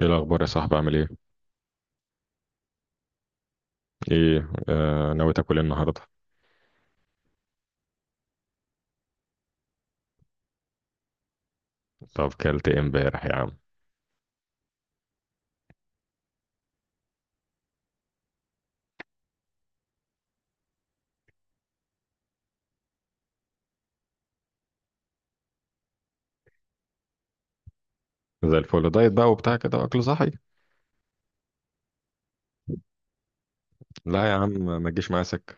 ايه الاخبار يا صاحبي، عامل ايه؟ ايه، ناوي تاكل ايه النهارده؟ طب كلت ايه امبارح يا عم؟ زي الفل، دايت بقى وبتاع كده، اكل صحي. لا يا عم، ما تجيش معايا سكه.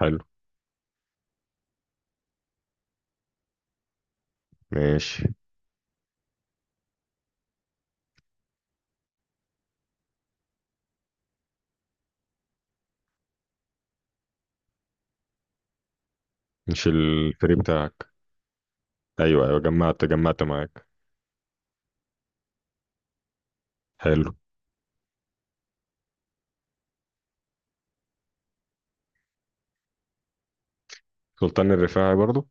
حلو. ماشي. مش الفري بتاعك؟ ايوه ايوه، جمعت جمعت معاك. حلو. سلطان الرفاعي برضو؟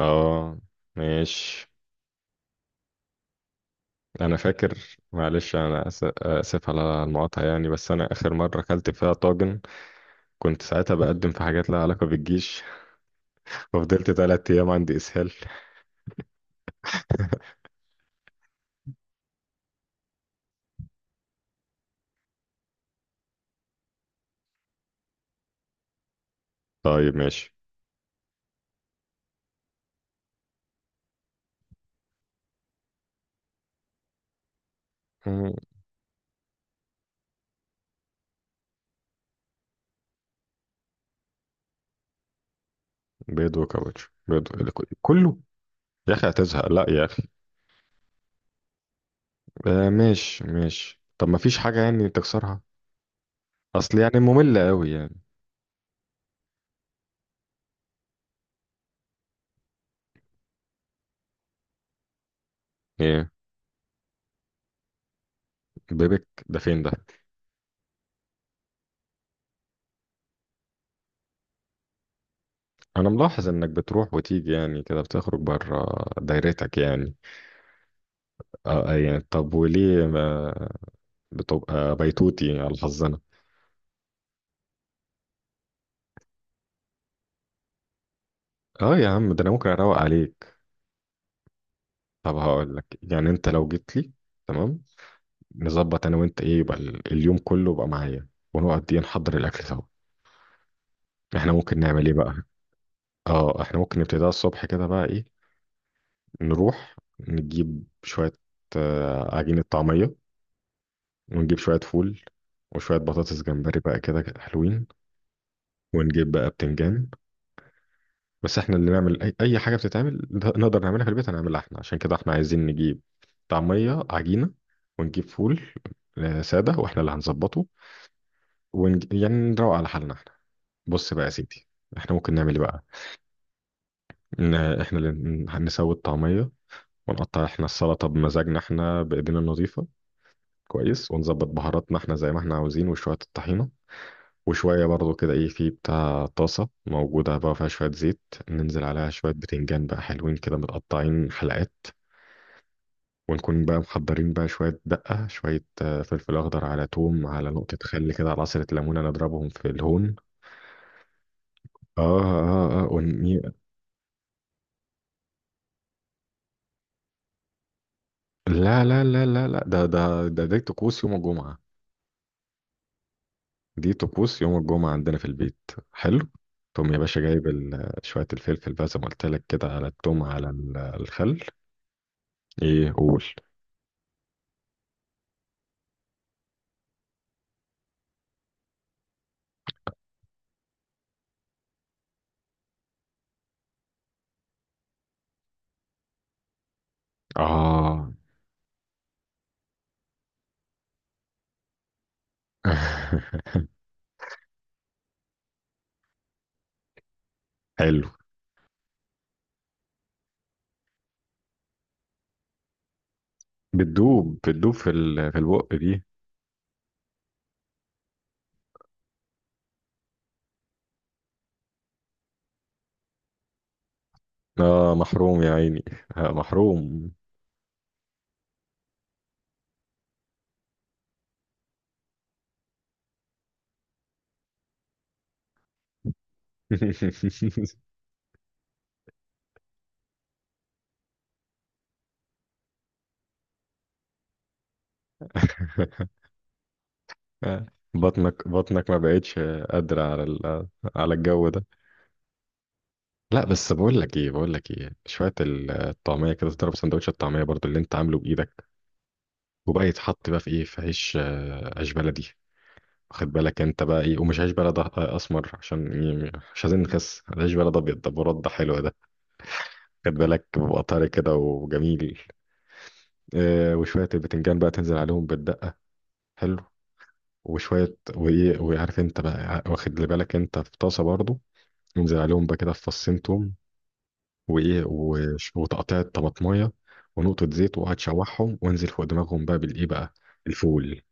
اه. ماشي. انا فاكر، معلش انا اسف على المقاطعه يعني، بس انا اخر مره اكلت فيها طاجن كنت ساعتها بقدم في حاجات لها علاقه بالجيش ففضلت 3 ايام عندي اسهال. طيب ماشي. بيض وكاوتش، بيض اللي كله. يا اخي هتزهق، لا يا اخي. ماشي ماشي، طب ما فيش حاجة يعني تكسرها؟ اصل يعني مملة قوي يعني. ايه؟ بيبك ده فين ده؟ انا ملاحظ انك بتروح وتيجي يعني كده، بتخرج بره دايرتك يعني. اه يعني طب وليه ما بتبقى بيتوتي على حظنا؟ اه يا عم، ده انا ممكن اروق عليك. طب هقول لك، يعني انت لو جيت لي تمام، نظبط انا وانت ايه، يبقى اليوم كله يبقى معايا، ونقعد دي نحضر الاكل سوا. احنا ممكن نعمل ايه بقى؟ اه احنا ممكن نبتديها الصبح كده بقى، ايه، نروح نجيب شوية عجينة طعمية، ونجيب شوية فول، وشوية بطاطس جمبري بقى كده حلوين، ونجيب بقى بتنجان. بس احنا اللي نعمل أي حاجة بتتعمل نقدر نعملها في البيت هنعملها احنا، عشان كده احنا عايزين نجيب طعمية عجينة، ونجيب فول سادة، واحنا اللي هنظبطه. يعني نروق على حالنا احنا. بص بقى يا سيدي. احنا ممكن نعمل ايه بقى؟ إن احنا اللي نسوي الطعمية، ونقطع احنا السلطة بمزاجنا احنا بإيدينا النظيفة. كويس، ونظبط بهاراتنا احنا زي ما احنا عاوزين، وشوية الطحينة، وشوية برضو كده ايه، في بتاع طاسة موجودة بقى فيها شوية زيت، ننزل عليها شوية بتنجان بقى حلوين كده متقطعين حلقات، ونكون بقى محضرين بقى شوية دقة، شوية فلفل أخضر، على توم، على نقطة خل كده، على عصرة ليمونة، نضربهم في الهون. اه اه اه لا لا لا لا لا، ده طقوس يوم الجمعة. دي طقوس يوم الجمعة عندنا في البيت. حلو. تقوم يا باشا جايب شوية الفلفل بقى، زي ما قلت لك كده، على التوم، على الخل. ايه قول. اه حلو. بتدوب بتدوب في في البق دي. اه محروم يا عيني، محروم. بطنك بطنك ما بقتش قادرة على على الجو ده. لا بس بقول لك ايه، بقول لك ايه، شوية الطعمية كده تضرب سندوتش الطعمية برضو اللي انت عامله بإيدك. وبقى يتحط بقى في ايه، في عيش عيش بلدي. واخد بالك انت بقى ايه، ومش عيش بلد اسمر، عشان مش عايزين نخس، عيش بلد ابيض ده برد ده حلو ده. خد بالك بيبقى طري كده وجميل. وشويه البتنجان بقى تنزل عليهم بالدقه. حلو. وشويه وايه، وعارف انت بقى واخد لي بالك انت في طاسه برضو. ينزل عليهم بقى كده في فصين توم، وايه وتقطيع طماطميه، ونقطه زيت، وهتشوحهم وانزل فوق دماغهم بقى بالايه بقى. الفول.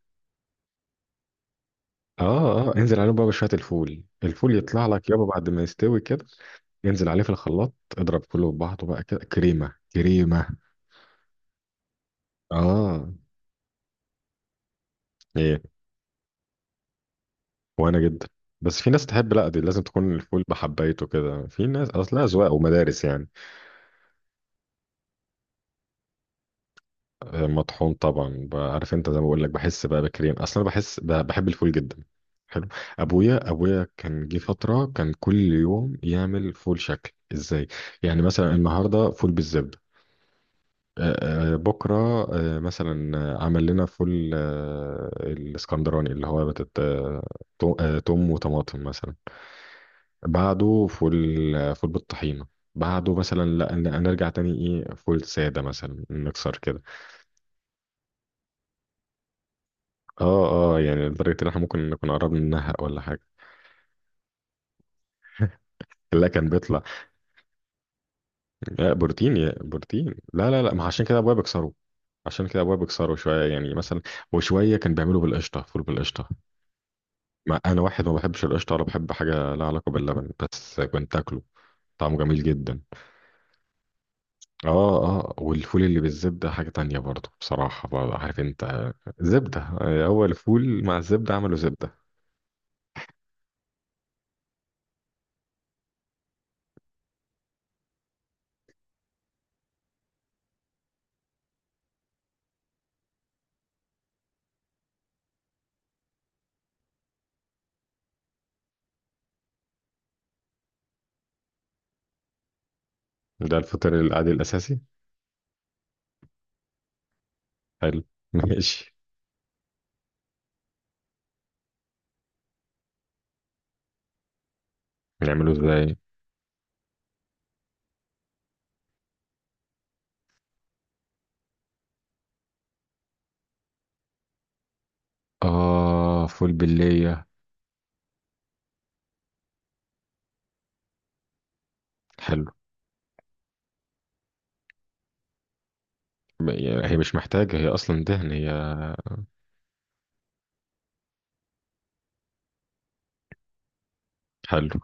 اه اه، انزل عليهم بقى بشوية الفول، الفول يطلع لك يابا بعد ما يستوي كده، انزل عليه في الخلاط اضرب كله في بعضه بقى كده، كريمة كريمة. اه. ايه؟ وانا جدا. بس في ناس تحب، لا دي لازم تكون الفول بحبايته كده، في ناس اصلا اذواق ومدارس يعني. مطحون طبعا بقى، عارف انت زي ما بقول لك بحس بقى بكريم اصلا، بحس بحب الفول جدا. حلو. ابويا ابويا كان جه فترة كان كل يوم يعمل فول، شكل ازاي. يعني مثلا النهارده فول بالزبدة، بكرة مثلا عمل لنا فول الاسكندراني اللي هو بتت... آه، تو- آه، توم وطماطم مثلا. بعده فول فول بالطحينة. بعده مثلا لا نرجع تاني، ايه، فول سادة مثلا، نكسر كده. اه اه يعني لدرجة ان احنا ممكن نكون قربنا ننهق ولا حاجة. لا كان بيطلع بروتين يا بروتين. لا لا لا، ما عشان كده ابويا بيكسره. عشان كده ابويا بيكسره شوية يعني مثلا، وشوية كان بيعمله بالقشطة، فول بالقشطة. ما انا واحد ما بحبش القشطه ولا بحب حاجه لها علاقه باللبن، بس كنت اكله، طعمه جميل جدا. اه اه، والفول اللي بالزبده حاجه تانية برضه، بصراحه برضه، عارف انت، زبده، هو الفول مع الزبده عملوا زبده. ده الفطير العادي الاساسي. حلو ماشي. بنعمله ازاي؟ اه فول بالليه. حلو يعني هي مش محتاجه، هي اصلا دهن هي. حلو.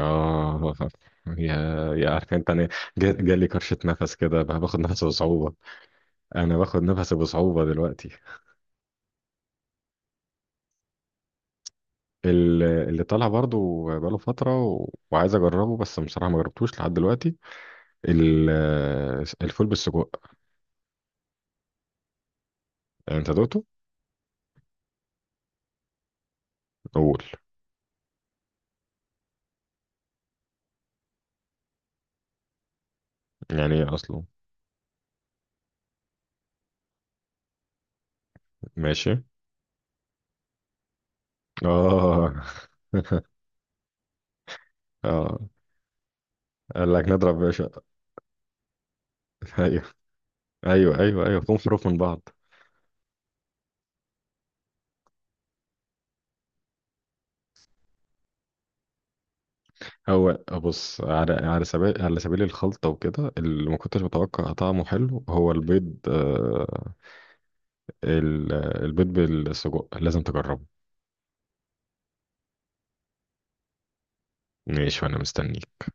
اه يا يا عارف انت، انا جالي كرشه، نفس كده، باخد نفس بصعوبه. انا باخد نفسي بصعوبه دلوقتي. اللي طالع برضو بقاله فتره، وعايز اجربه بس بصراحه ما جربتوش لحد دلوقتي، ال... الفول بالسجق. انت دوقته؟ قول. يعني ايه اصله؟ ماشي. اه اه قال لك نضرب يا باشا؟ ايوه ايوه ايوه ايوه فيهم حروف من بعض. هو بص، على سبيل الخلطه وكده، اللي ما كنتش متوقع طعمه حلو هو البيض ال- البيض بالسجق لازم تجربه. ماشي وانا مستنيك.